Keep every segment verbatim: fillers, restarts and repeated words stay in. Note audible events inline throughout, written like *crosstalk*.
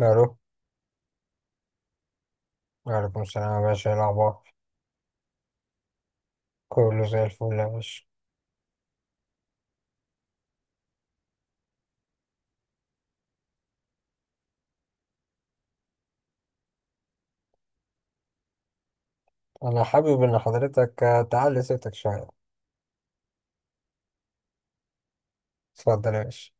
الو. وعليكم السلام يا باشا، ايه الاخبار؟ كله زي الفل يا باشا. انا حابب ان حضرتك آه، تعلي صوتك شويه. اتفضل يا باشا.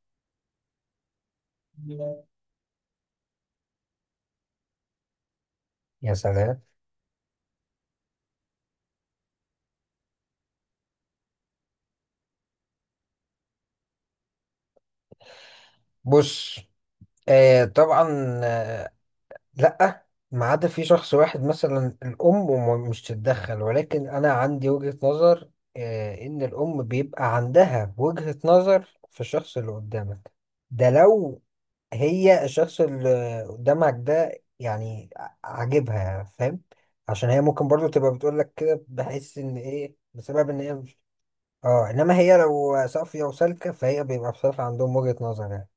يا سلام. بص. آه طبعا. آه لا، ما عدا في شخص واحد مثلا الام وم- مش تتدخل، ولكن انا عندي وجهة نظر. آه ان الام بيبقى عندها وجهة نظر في الشخص اللي قدامك. ده لو هي الشخص اللي قدامك ده يعني ع- عاجبها، فاهم؟ عشان هي ممكن برضو تبقى بتقول لك كده، بحيث ان ايه، بسبب ان هي مش... اه، انما هي لو صافية وسالكة فهي بيبقى بصراحة عندهم وجهة نظر يعني.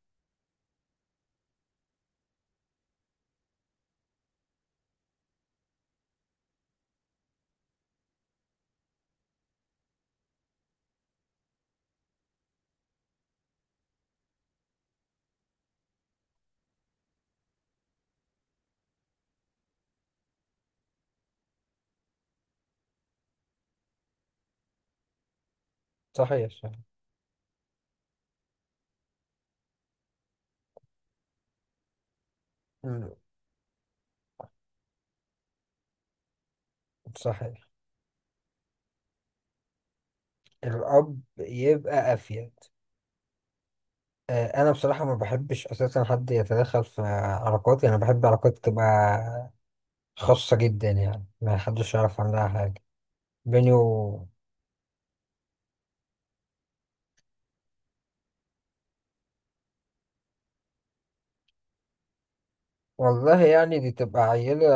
صحيح صحيح. مم، صحيح. الأب يبقى أفيد. آه، أنا بصراحة ما بحبش أساسا حد يتدخل في علاقاتي، أنا بحب علاقاتي تبقى خاصة جدا، يعني ما حدش يعرف عنها حاجة. بيني و... والله يعني دي تبقى عيلة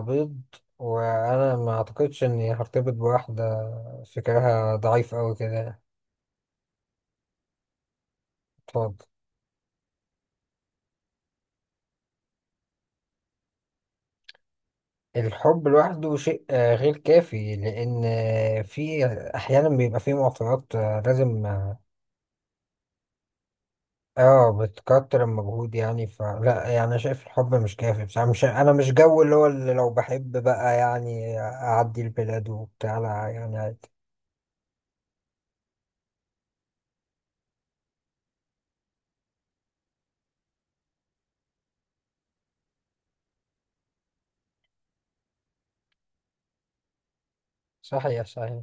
بيض، وأنا ما أعتقدش إني هرتبط بواحدة فكرها ضعيف أوي كده. اتفضل. الحب لوحده شيء آه، غير كافي، لأن آه، في أحيانا بيبقى في معطيات آه، لازم آه آه، بتكتر المجهود يعني، فلا يعني أنا شايف الحب مش كافي، بس أنا مش أنا مش جو اللي هو اللي لو بحب بقى يعني أعدي البلاد وبتاع، لا يعني عادي. صحيح صحيح.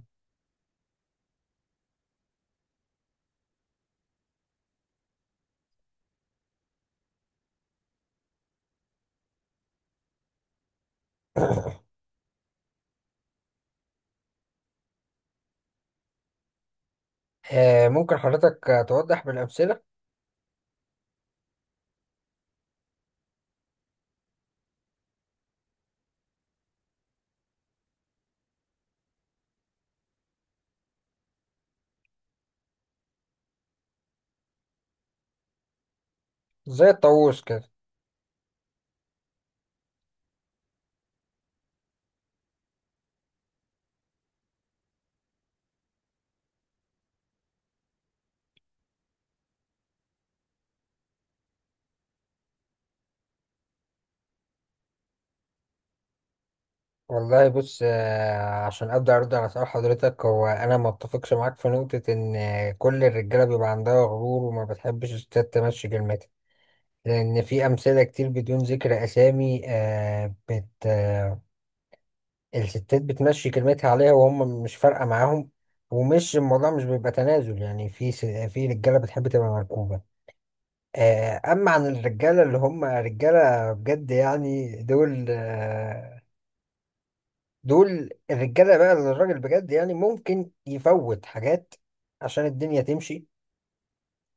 *coughs* آه، ممكن حضرتك توضح بالأمثلة؟ زي الطاووس كده. والله بص، آه، عشان ابدا ارد على سؤال حضرتك، هو انا ما اتفقش معاك في نقطه ان آه، كل الرجاله بيبقى عندها غرور وما بتحبش الستات تمشي كلمتها، لان في امثله كتير بدون ذكر اسامي آه، بت آه، الستات بتمشي كلمتها عليها وهم مش فارقه معاهم. ومش الموضوع مش بيبقى تنازل، يعني في س- في رجاله بتحب تبقى مركوبه. آه، اما عن الرجاله اللي هم رجاله بجد، يعني دول آه، دول الرجاله بقى اللي الراجل بجد يعني ممكن يفوت حاجات عشان الدنيا تمشي.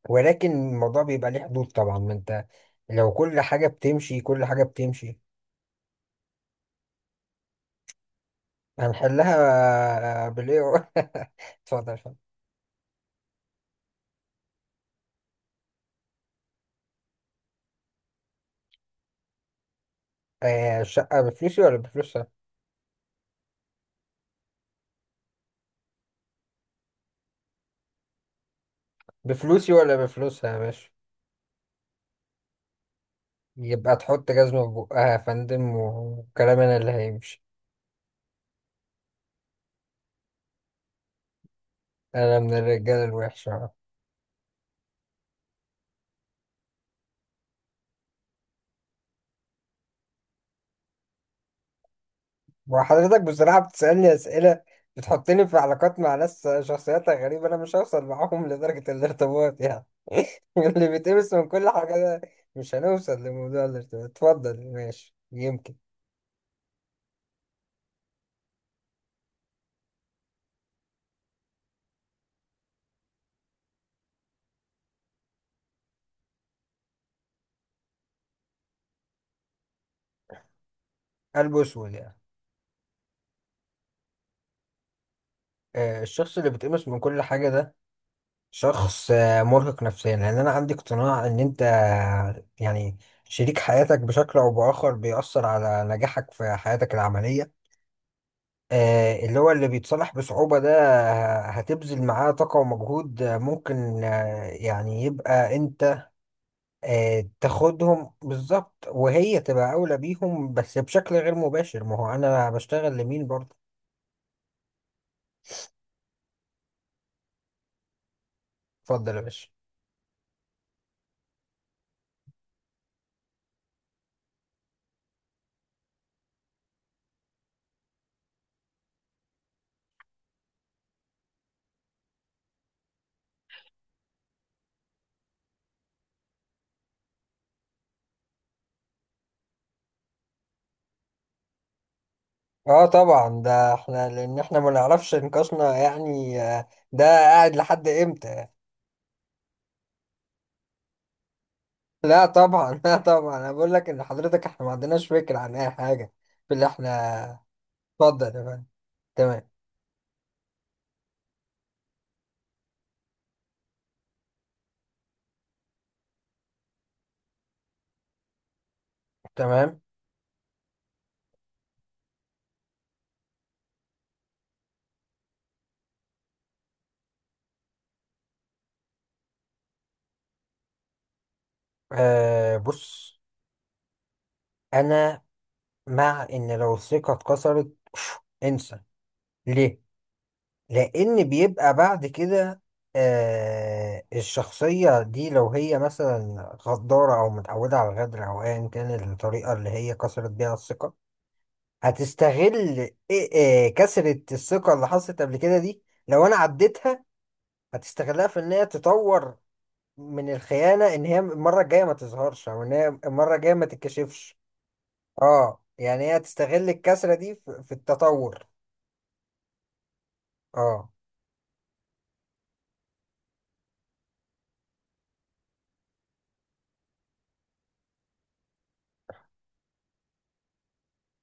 ولكن الموضوع بيبقى ليه حدود طبعا، ما انت لو كل حاجه بتمشي كل حاجه بتمشي. هنحلها بالاي. *laughs* اتفضل اتفضل. آه، الشقه بفلوسي ولا بفلوسها؟ بفلوسي ولا بفلوسها يا باشا؟ يبقى تحط جزمه في بقها يا فندم، وكلام انا اللي هيمشي. انا من الرجاله الوحشه. وحضرتك بصراحة بتسألني أسئلة بتحطني في علاقات مع ناس شخصياتها غريبة، أنا مش هوصل معاهم *laughs* لدرجة الارتباط يعني. *laughs* اللي بيتقمص من كل حاجة ده، مش هنوصل لموضوع الارتباط. اتفضل ماشي يمكن. قلب أسود يعني؟ آه، الشخص اللي بيتقمص من كل حاجة ده شخص آه، مرهق نفسيا، لأن أنا عندي اقتناع إن أنت يعني شريك حياتك بشكل أو بآخر بيأثر على نجاحك في حياتك العملية. آه، اللي هو اللي بيتصلح بصعوبة ده آه، هتبذل معاه طاقة ومجهود، آه، ممكن آه، يعني يبقى انت آه، تاخدهم بالظبط، وهي تبقى أولى بيهم، بس بشكل غير مباشر، ما هو أنا بشتغل لمين برضه. اتفضل يا باشا. اه طبعا، ده احنا لان احنا ما نعرفش نقاشنا يعني آه، ده قاعد لحد امتى. لا طبعا *laughs* لا طبعا، انا بقول لك ان حضرتك احنا ما عندناش فكرة عن اي حاجة في اللي احنا... اتفضل يا فندم. تمام تمام. آه بص، انا مع ان لو الثقة اتكسرت *sniffs* انسى. ليه؟ لان بيبقى بعد كده آه الشخصية دي لو هي مثلا غدارة او متعودة على الغدر او ايا كان الطريقة اللي هي كسرت بيها الثقة، هتستغل إيه- آه، كسرة الثقة اللي حصلت قبل كده دي. لو انا عديتها، هتستغلها في ان هي تطور من الخيانة، ان هي المرة الجاية ما تظهرش، او ان هي المرة الجاية ما تتكشفش. اه يعني هي تستغل الكسرة دي في في التطور. اه،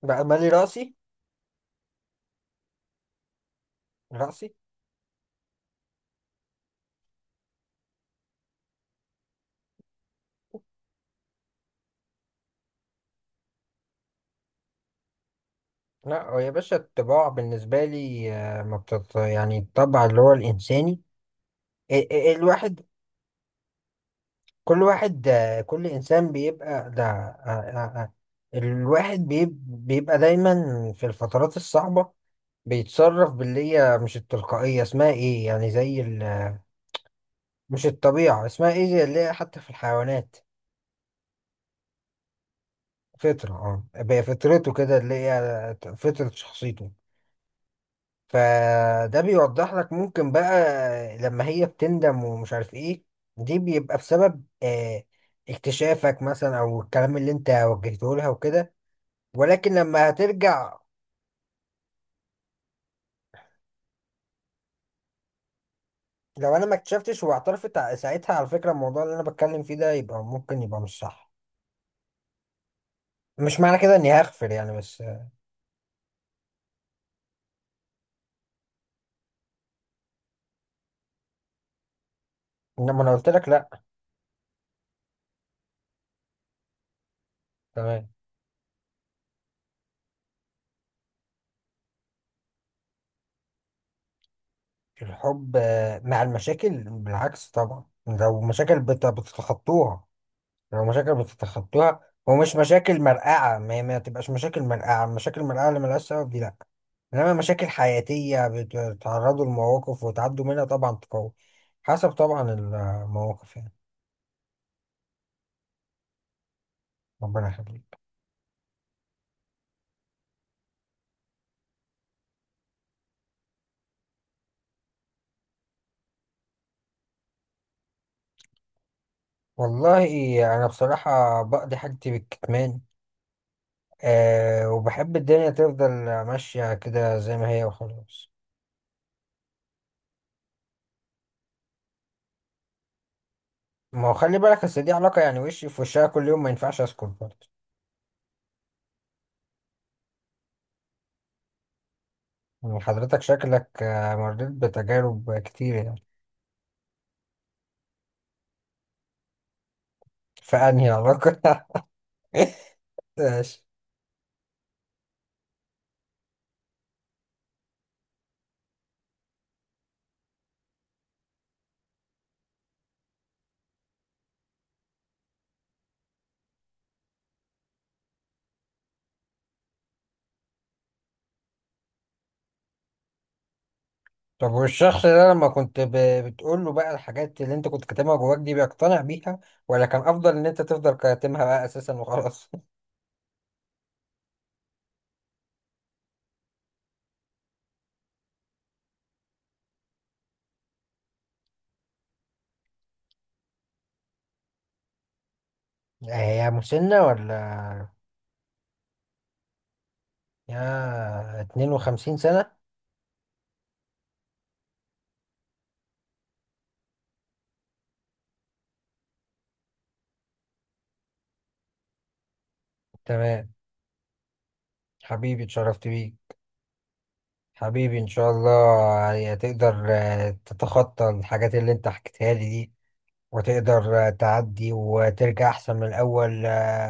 بقى مالي راسي. راسي. لا هو يا باشا الطباع بالنسبة لي آه، ما بتط... يعني الطبع اللي هو الإنساني، ال- ال- الواحد، كل واحد آه، كل إنسان بيبقى ده آه، آه، آه. الواحد بيب... بيبقى دايما في الفترات الصعبة بيتصرف باللي هي مش التلقائية اسمها ايه يعني زي ال... مش الطبيعة اسمها ايه، زي اللي هي حتى في الحيوانات، فطرة. اه هي فطرته كده اللي هي فطرة شخصيته. فده بيوضح لك ممكن بقى لما هي بتندم ومش عارف ايه، دي بيبقى بسبب آه اكتشافك مثلا او الكلام اللي انت وجهته لها وكده. ولكن لما هترجع... لو انا ما اكتشفتش واعترفت ع- ساعتها، على فكرة الموضوع اللي انا بتكلم فيه ده يبقى ممكن يبقى مش صح. مش معنى كده اني هغفر يعني، بس آه، انما انا قلت لك لا. تمام. الحب آه، مع المشاكل بالعكس طبعا، لو مشاكل بت- بتتخطوها، لو مشاكل بتتخطوها ومش مشاكل مرقعة، ما ما تبقاش مشاكل مرقعة، مشاكل مرقعة اللي ملهاش سبب دي لأ. إنما مشاكل حياتية بتتعرضوا لمواقف وتعدوا منها، طبعا تقوي، حسب طبعا المواقف يعني. ربنا يخليك. والله أنا بصراحة بقضي حاجتي بالكتمان. أه وبحب الدنيا تفضل ماشية كده زي ما هي وخلاص. ما هو خلي بالك، اصل دي علاقة يعني، وشي في وشها كل يوم، ما ينفعش اسكت برضه. يعني حضرتك شكلك آه، مريت بتجارب كتير يعني؟ فأنهي علاقة؟ *laughs* ماشي. طب والشخص ده لما كنت ب... بتقول له بقى الحاجات اللي انت كنت كاتمها جواك دي، بيقتنع بيها ولا كان افضل ان انت تفضل كاتمها بقى اساسا وخلاص؟ *laughs* هي مسنة ولا؟ يا اتنين وخمسين سنة. تمام. حبيبي اتشرفت بيك. حبيبي ان شاء الله يعني تقدر آه، تتخطى الحاجات اللي انت حكيتها لي دي، وتقدر آه، تعدي وترجع أحسن من الأول، آه،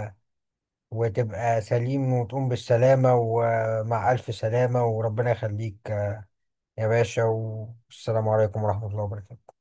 وتبقى سليم وتقوم بالسلامة ومع ألف سلامة وربنا يخليك آه، يا باشا، والسلام عليكم ورحمة الله وبركاته.